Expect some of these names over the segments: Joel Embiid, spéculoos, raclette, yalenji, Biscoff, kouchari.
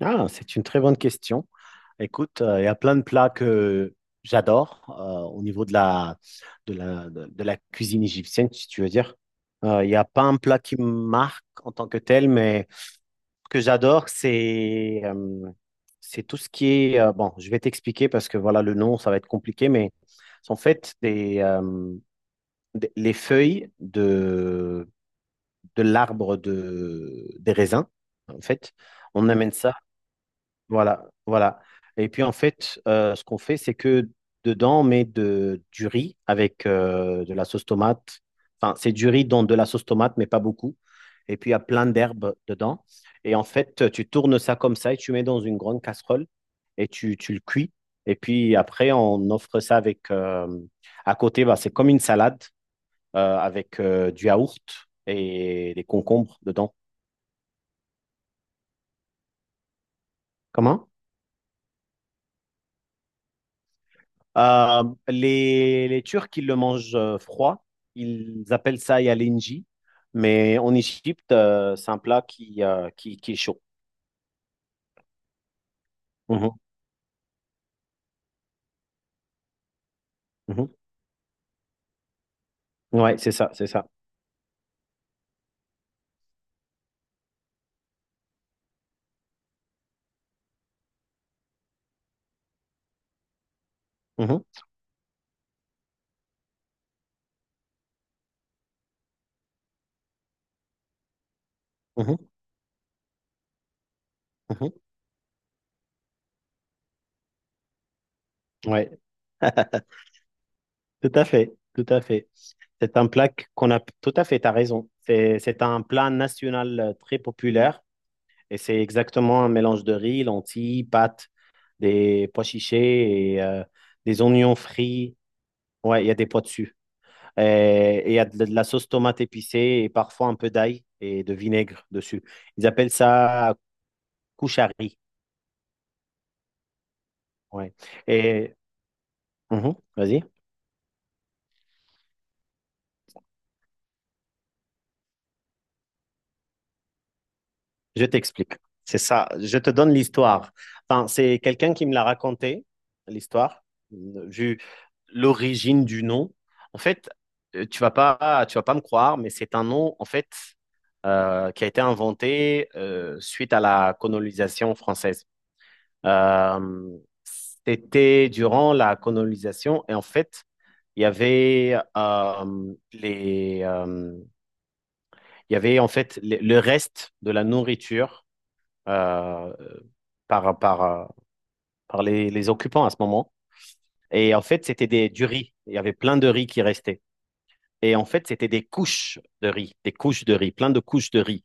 Ah, c'est une très bonne question. Écoute, il y a plein de plats que j'adore au niveau de la, de la, de la cuisine égyptienne, si tu veux dire. Il n'y a pas un plat qui me marque en tant que tel, mais ce que j'adore, c'est tout ce qui est... bon, je vais t'expliquer parce que voilà, le nom, ça va être compliqué, mais c'est en fait des, les feuilles de l'arbre de, des raisins, en fait. On amène ça. Voilà, voilà. Et puis en fait, ce qu'on fait, c'est que dedans, on met de, du riz avec de la sauce tomate. Enfin, c'est du riz dans de la sauce tomate, mais pas beaucoup. Et puis il y a plein d'herbes dedans. Et en fait, tu tournes ça comme ça et tu mets dans une grande casserole et tu le cuis. Et puis après, on offre ça avec. À côté, bah, c'est comme une salade avec du yaourt et des concombres dedans. Comment? Euh, les Turcs, ils le mangent froid. Ils appellent ça yalenji. Mais en Égypte, c'est un plat qui qui est chaud. Mhm, mhm. Ouais, c'est ça, c'est ça. Mhm, mhm, mhm. Ouais, tout à fait, tout à fait. C'est un plat qu'on a... Tout à fait, t'as raison. C'est un plat national très populaire. Et c'est exactement un mélange de riz, lentilles, pâtes, des pois chichés et des oignons frits. Ouais, il y a des pois dessus. Euh, et il y a de la sauce tomate épicée et parfois un peu d'ail et de vinaigre dessus. Ils appellent ça kouchari. Ouais. Et mhm, vas-y, je t'explique. C'est ça, je te donne l'histoire. Enfin, c'est quelqu'un qui me l'a raconté, l'histoire, vu l'origine du nom. En fait, tu vas pas me croire, mais c'est un nom, en fait, qui a été inventé suite à la colonisation française. Euh, c'était durant la colonisation et en fait, il y avait il y avait en fait le reste de la nourriture euh, par par les occupants à ce moment. Et en fait, c'était des, du riz. Il y avait plein de riz qui restait. Et en fait, c'était des couches de riz, des couches de riz, plein de couches de riz.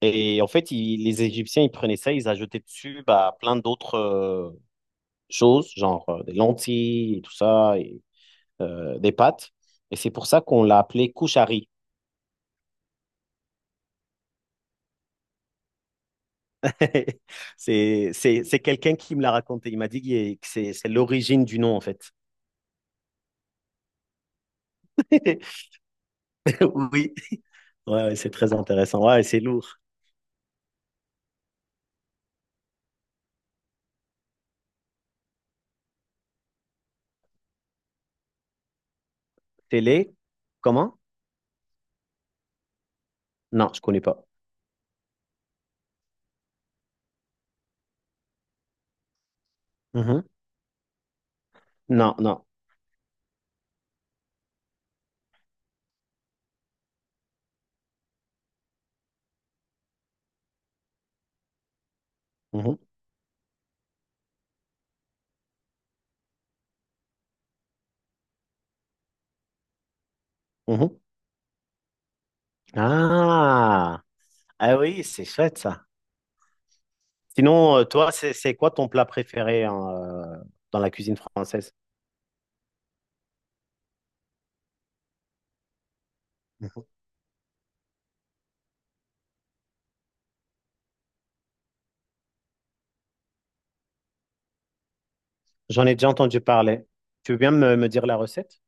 Et en fait, les Égyptiens, ils prenaient ça, ils ajoutaient dessus bah, plein d'autres choses, genre des lentilles et tout ça, et des pâtes. Et c'est pour ça qu'on l'a appelé Kouchari. C'est quelqu'un qui me l'a raconté. Il m'a dit que c'est l'origine du nom, en fait. Oui, ouais, ouais, c'est très intéressant. Ouais, c'est lourd. Télé, comment? Non, je connais pas. Mhm. Non, non. Mhm, mhm. Ah, ah oui, c'est chouette ça. Sinon, toi, c'est quoi ton plat préféré hein, dans la cuisine française? J'en ai déjà entendu parler. Tu veux bien me dire la recette?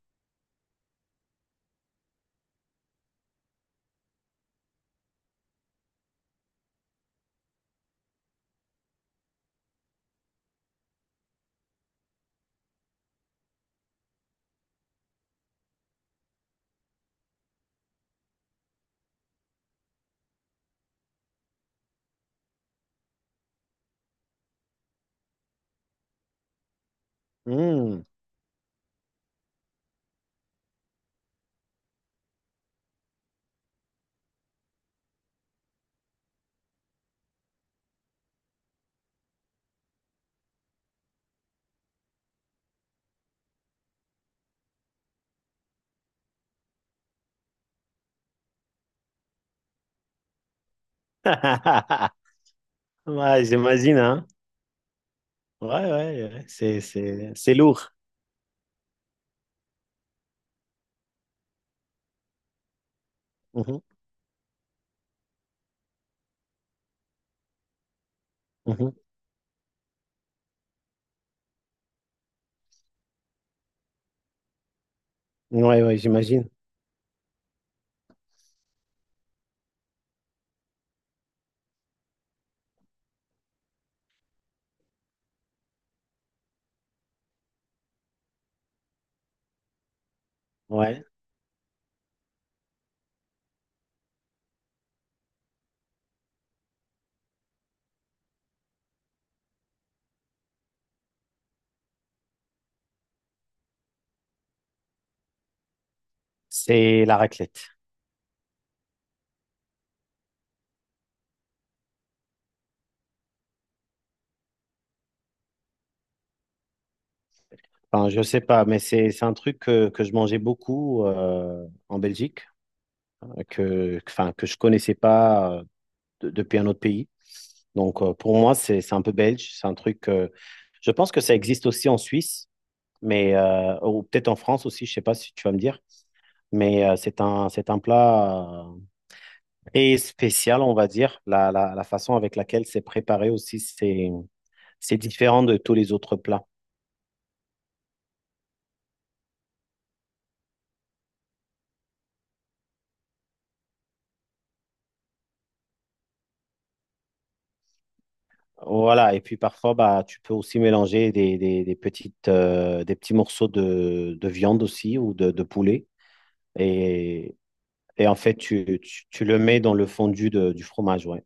Hmm. Ouais, j'imagine, hein? Ouais, ouais, ouais. C'est lourd. Mhm, mhm. Ouais, ouais, j'imagine. Ouais. C'est la raclette. Enfin, je sais pas, mais c'est un truc que je mangeais beaucoup en Belgique. Que, enfin, que je connaissais pas depuis un autre pays. Donc, pour moi, c'est un peu belge. C'est un truc. Je pense que ça existe aussi en Suisse, mais ou peut-être en France aussi. Je sais pas si tu vas me dire. Mais c'est un plat très spécial, on va dire. La façon avec laquelle c'est préparé aussi, c'est différent de tous les autres plats. Voilà, et puis parfois, bah, tu peux aussi mélanger des petites, des petits morceaux de viande aussi ou de poulet. Et, et en fait, tu le mets dans le fondu du fromage, ouais.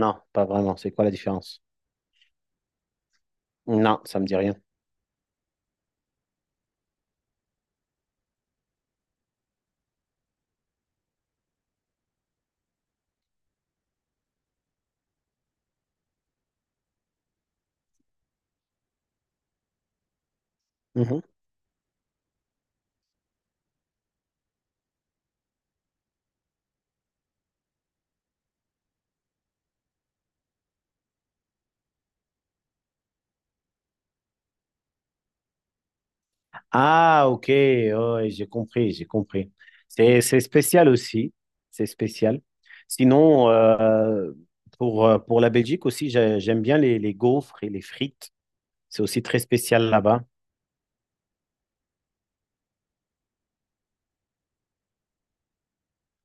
Non, pas vraiment. C'est quoi la différence? Non, ça me dit rien. Ah, ok, ouais, j'ai compris, j'ai compris. C'est spécial aussi, c'est spécial. Sinon, pour la Belgique aussi, j'aime bien les gaufres et les frites. C'est aussi très spécial là-bas.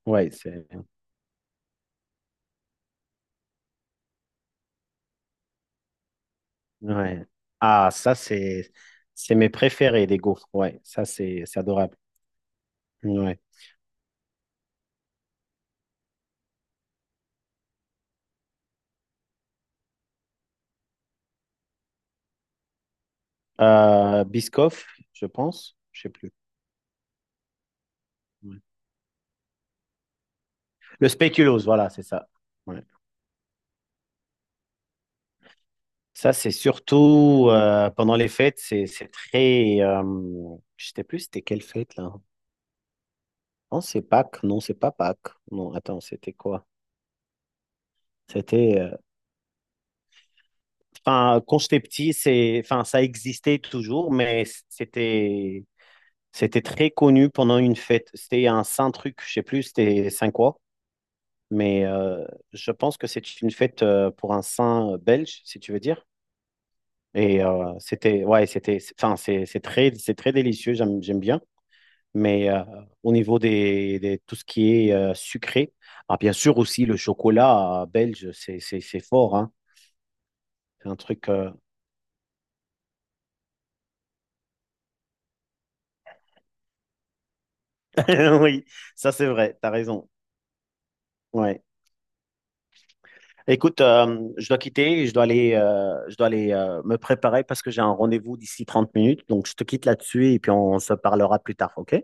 Ouais, c'est, ouais. Ah, ça, c'est mes préférés, les gaufres. Ouais, ça, c'est adorable. Ouais. Biscoff, je pense, je sais plus. Ouais. Le spéculoos, voilà, c'est ça. Ouais. Ça, c'est surtout pendant les fêtes, c'est très. Je sais plus c'était quelle fête là. Non, c'est Pâques. Non, c'est pas Pâques. Non, attends, c'était quoi? C'était. Enfin, quand j'étais petit, c'est. Enfin, ça existait toujours, mais c'était. C'était très connu pendant une fête. C'était un saint truc, je sais plus, c'était saint quoi. Mais je pense que c'est une fête pour un saint belge, si tu veux dire. Et c'était, ouais, c'était, enfin, c'est très délicieux. J'aime, j'aime bien. Mais au niveau des, tout ce qui est sucré, ah, bien sûr aussi le chocolat belge, c'est fort, hein. C'est un truc. Oui, ça c'est vrai, t'as raison. Ouais. Écoute, je dois quitter, je dois aller me préparer parce que j'ai un rendez-vous d'ici 30 minutes. Donc je te quitte là-dessus et puis on se parlera plus tard, ok?